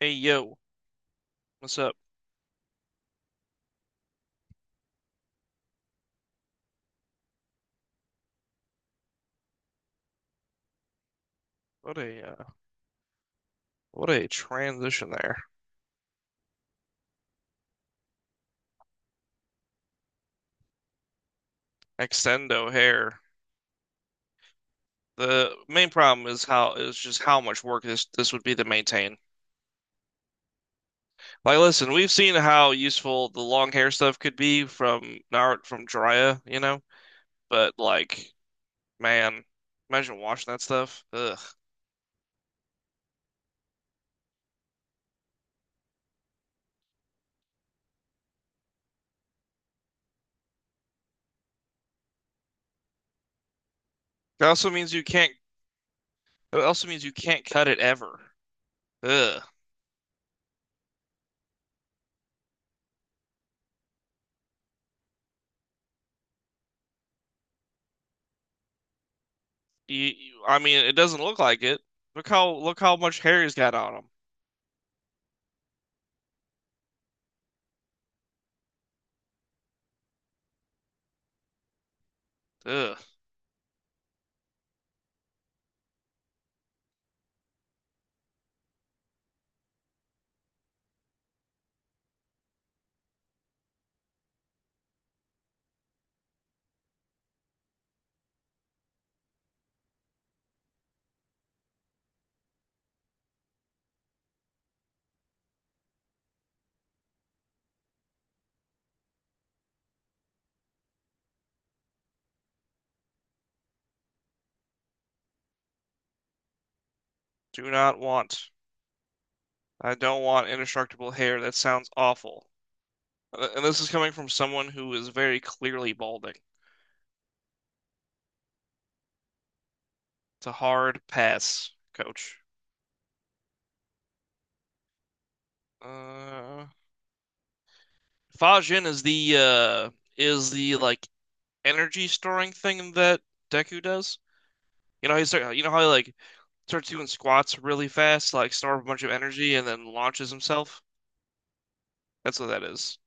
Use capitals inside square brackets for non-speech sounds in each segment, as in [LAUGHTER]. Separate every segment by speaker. Speaker 1: Hey yo, what's up? What a uh, what a transition there. Extendo hair. The main problem is how is just how much work this would be to maintain. Like, listen, we've seen how useful the long hair stuff could be from Naruto from Jiraiya, you know, but like, man, imagine washing that stuff. Ugh. It also means you can't. It also means you can't cut it ever. Ugh. I mean, it doesn't look like it. Look how much hair he's got on him. Ugh. Do not want. I don't want indestructible hair. That sounds awful. And this is coming from someone who is very clearly balding. It's a hard pass, coach. Uh, Fajin is the like energy storing thing that Deku does. You know, you know how he like starts doing squats really fast, like store up a bunch of energy and then launches himself. That's what that is.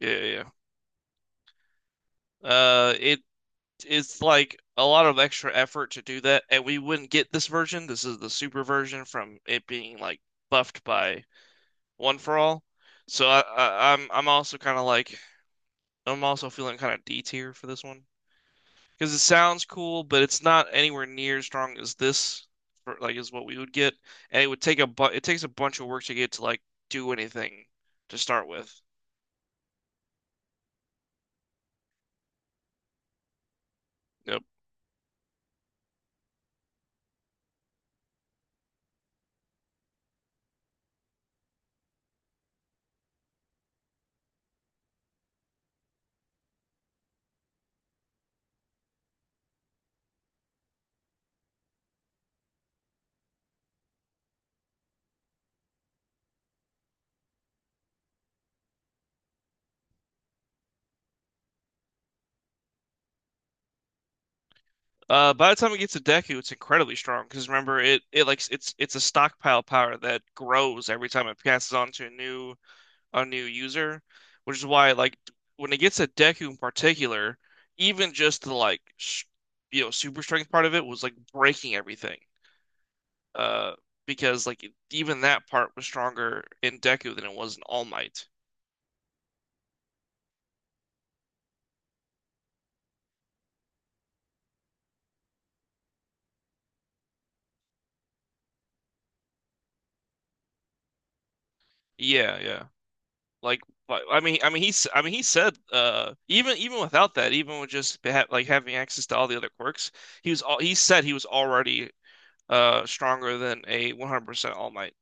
Speaker 1: Yeah, yeah, yeah. It's like a lot of extra effort to do that, and we wouldn't get this version. This is the super version from it being like buffed by One for All. So I'm also kind of like I'm also feeling kind of D tier for this one because it sounds cool, but it's not anywhere near as strong as this. For, like is what we would get, and it takes a bunch of work to get to like do anything to start with. Yep. By the time it gets to Deku, it's incredibly strong because remember it's a stockpile power that grows every time it passes on to a new user, which is why like when it gets to Deku in particular, even just the like sh you know, super strength part of it was like breaking everything. Uh, because like even that part was stronger in Deku than it was in All Might. Yeah, yeah. Like, I mean, he said, even without that, even with just ha like having access to all the other quirks, he said he was already stronger than a 100% All Might.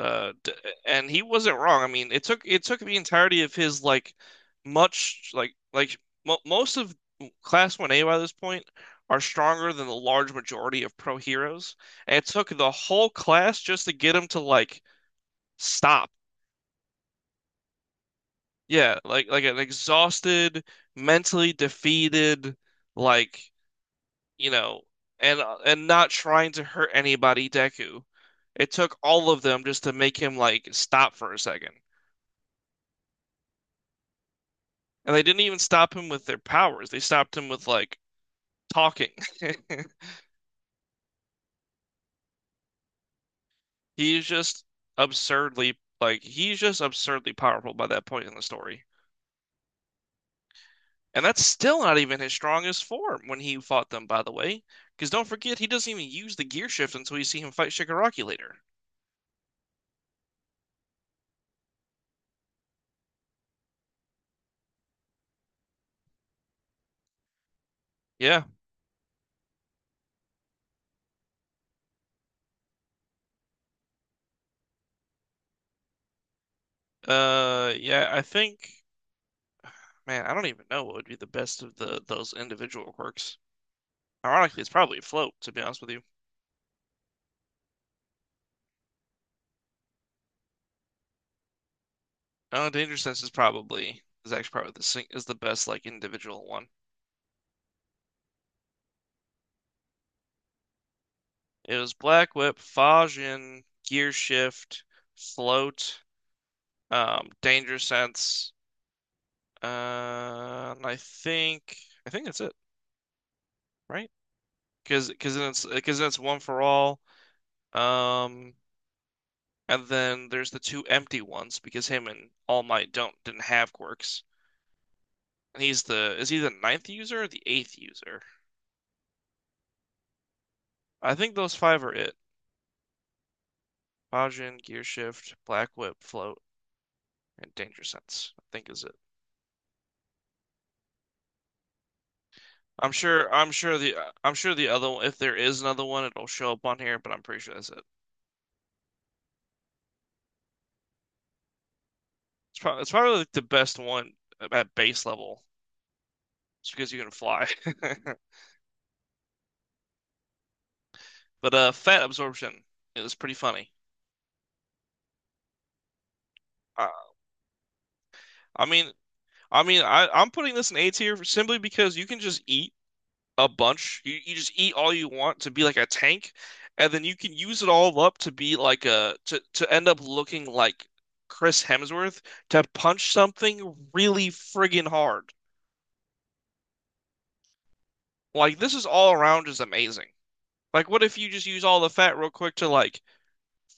Speaker 1: D And he wasn't wrong. I mean, it took the entirety of his like much like mo most of Class 1A by this point are stronger than the large majority of pro heroes, and it took the whole class just to get him to like stop. Yeah, like an exhausted, mentally defeated, like, you know, and not trying to hurt anybody, Deku. It took all of them just to make him like stop for a second. And they didn't even stop him with their powers. They stopped him with like talking. [LAUGHS] He's just absurdly like he's just absurdly powerful by that point in the story. And that's still not even his strongest form when he fought them, by the way. Because don't forget, he doesn't even use the gear shift until you see him fight Shigaraki later. Yeah. Yeah, I think, man, I don't even know what would be the best of the those individual quirks. Ironically, it's probably float, to be honest with you. Oh, danger sense is probably is actually probably is the best like individual one. It was black whip, Fajin, gear shift, float, danger sense, and I think that's it, right? Because then it's one for all. Um, and then there's the two empty ones because him and All Might don't didn't have quirks. And he's the is he the ninth user or the eighth user? I think those five are it. Bajin, Gear Shift, Black Whip, Float, and Danger Sense, I think is it. I'm sure I'm sure the I'm sure the other one, if there is another one, it'll show up on here, but I'm pretty sure that's it. It's probably like the best one at base level. It's because you can fly. [LAUGHS] But Fat Absorption is pretty funny. Uh, I mean, I, I'm putting this in A tier simply because you can just eat a bunch. You just eat all you want to be like a tank, and then you can use it all up to be like a to end up looking like Chris Hemsworth to punch something really friggin' hard. Like this is all around just amazing. Like what if you just use all the fat real quick to like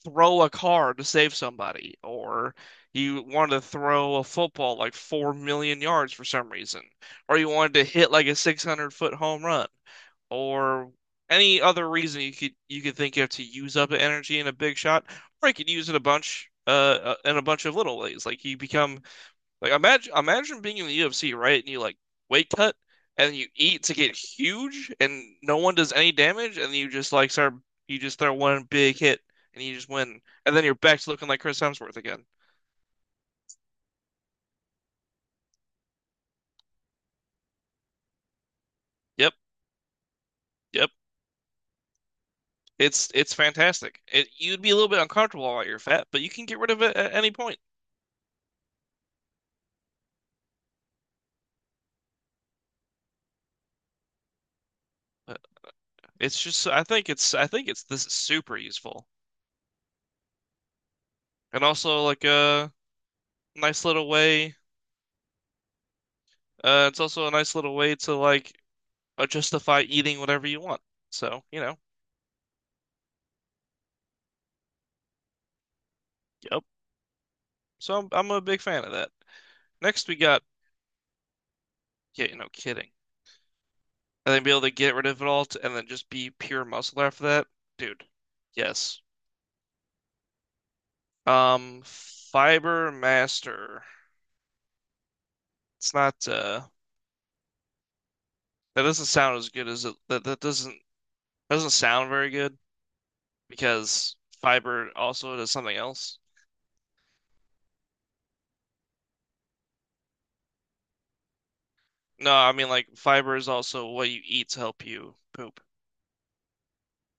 Speaker 1: throw a car to save somebody, or you wanted to throw a football like 4 million yards for some reason, or you wanted to hit like a 600-foot home run, or any other reason you could think of to use up energy in a big shot, or you could use it a bunch in a bunch of little ways. Like you become like imagine being in the UFC, right? And you like weight cut and you eat to get huge and no one does any damage and you just throw one big hit and you just win. And then your back's looking like Chris Hemsworth again. Yep, yep. It's fantastic. It, you'd be a little bit uncomfortable while you're fat, but you can get rid of it at any point. But it's just I think it's this is super useful. And also like a nice little way it's also a nice little way to like justify eating whatever you want. So, you know, Yep. So I'm a big fan of that. Next, we got, yeah, no kidding. And then be able to get rid of it all to, and then just be pure muscle after that. Dude, yes. Fiber Master. It's not, That doesn't sound as good as that doesn't sound very good because fiber also does something else. No, I mean, like, fiber is also what you eat to help you poop.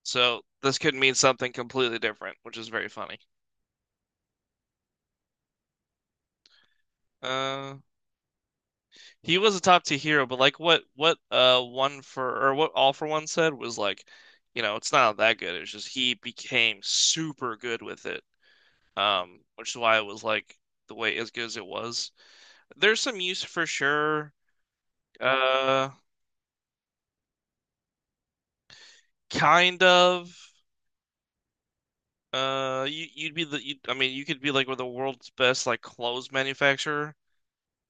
Speaker 1: So this could mean something completely different, which is very funny. Uh, he was a top tier hero, but like what all for one said was like, you know, it's not that good. It's just he became super good with it. Which is why it was like the way as good as it was. There's some use for sure. Uh, kind of. You'd be the you, I mean, you could be like with the world's best like clothes manufacturer,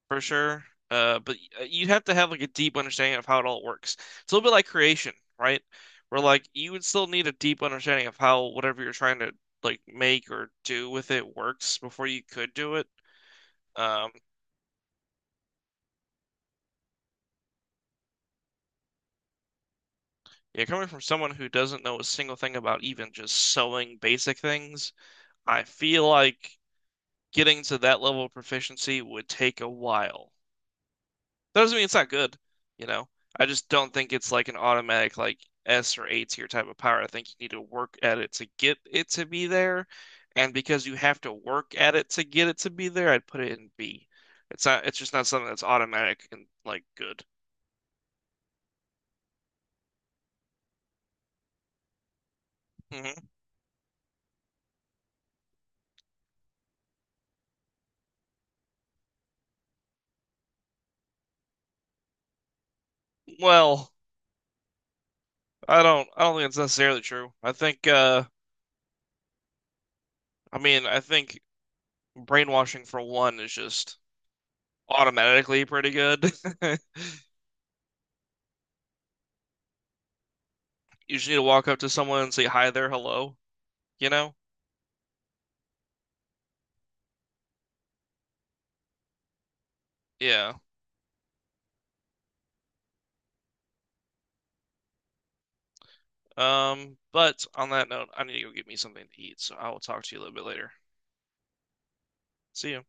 Speaker 1: for sure. But you have to have like a deep understanding of how it all works. It's a little bit like creation, right? Where like you would still need a deep understanding of how whatever you're trying to like make or do with it works before you could do it. Um, yeah, coming from someone who doesn't know a single thing about even just sewing basic things, I feel like getting to that level of proficiency would take a while. That doesn't mean it's not good, you know. I just don't think it's like an automatic like S or A tier type of power. I think you need to work at it to get it to be there, and because you have to work at it to get it to be there, I'd put it in B. It's not. It's just not something that's automatic and like good. Hmm. Well, I don't think it's necessarily true. I think brainwashing for one is just automatically pretty good. [LAUGHS] You just need to walk up to someone and say hi there, hello. You know? Yeah. But on that note, I need to go get me something to eat, so I will talk to you a little bit later. See you.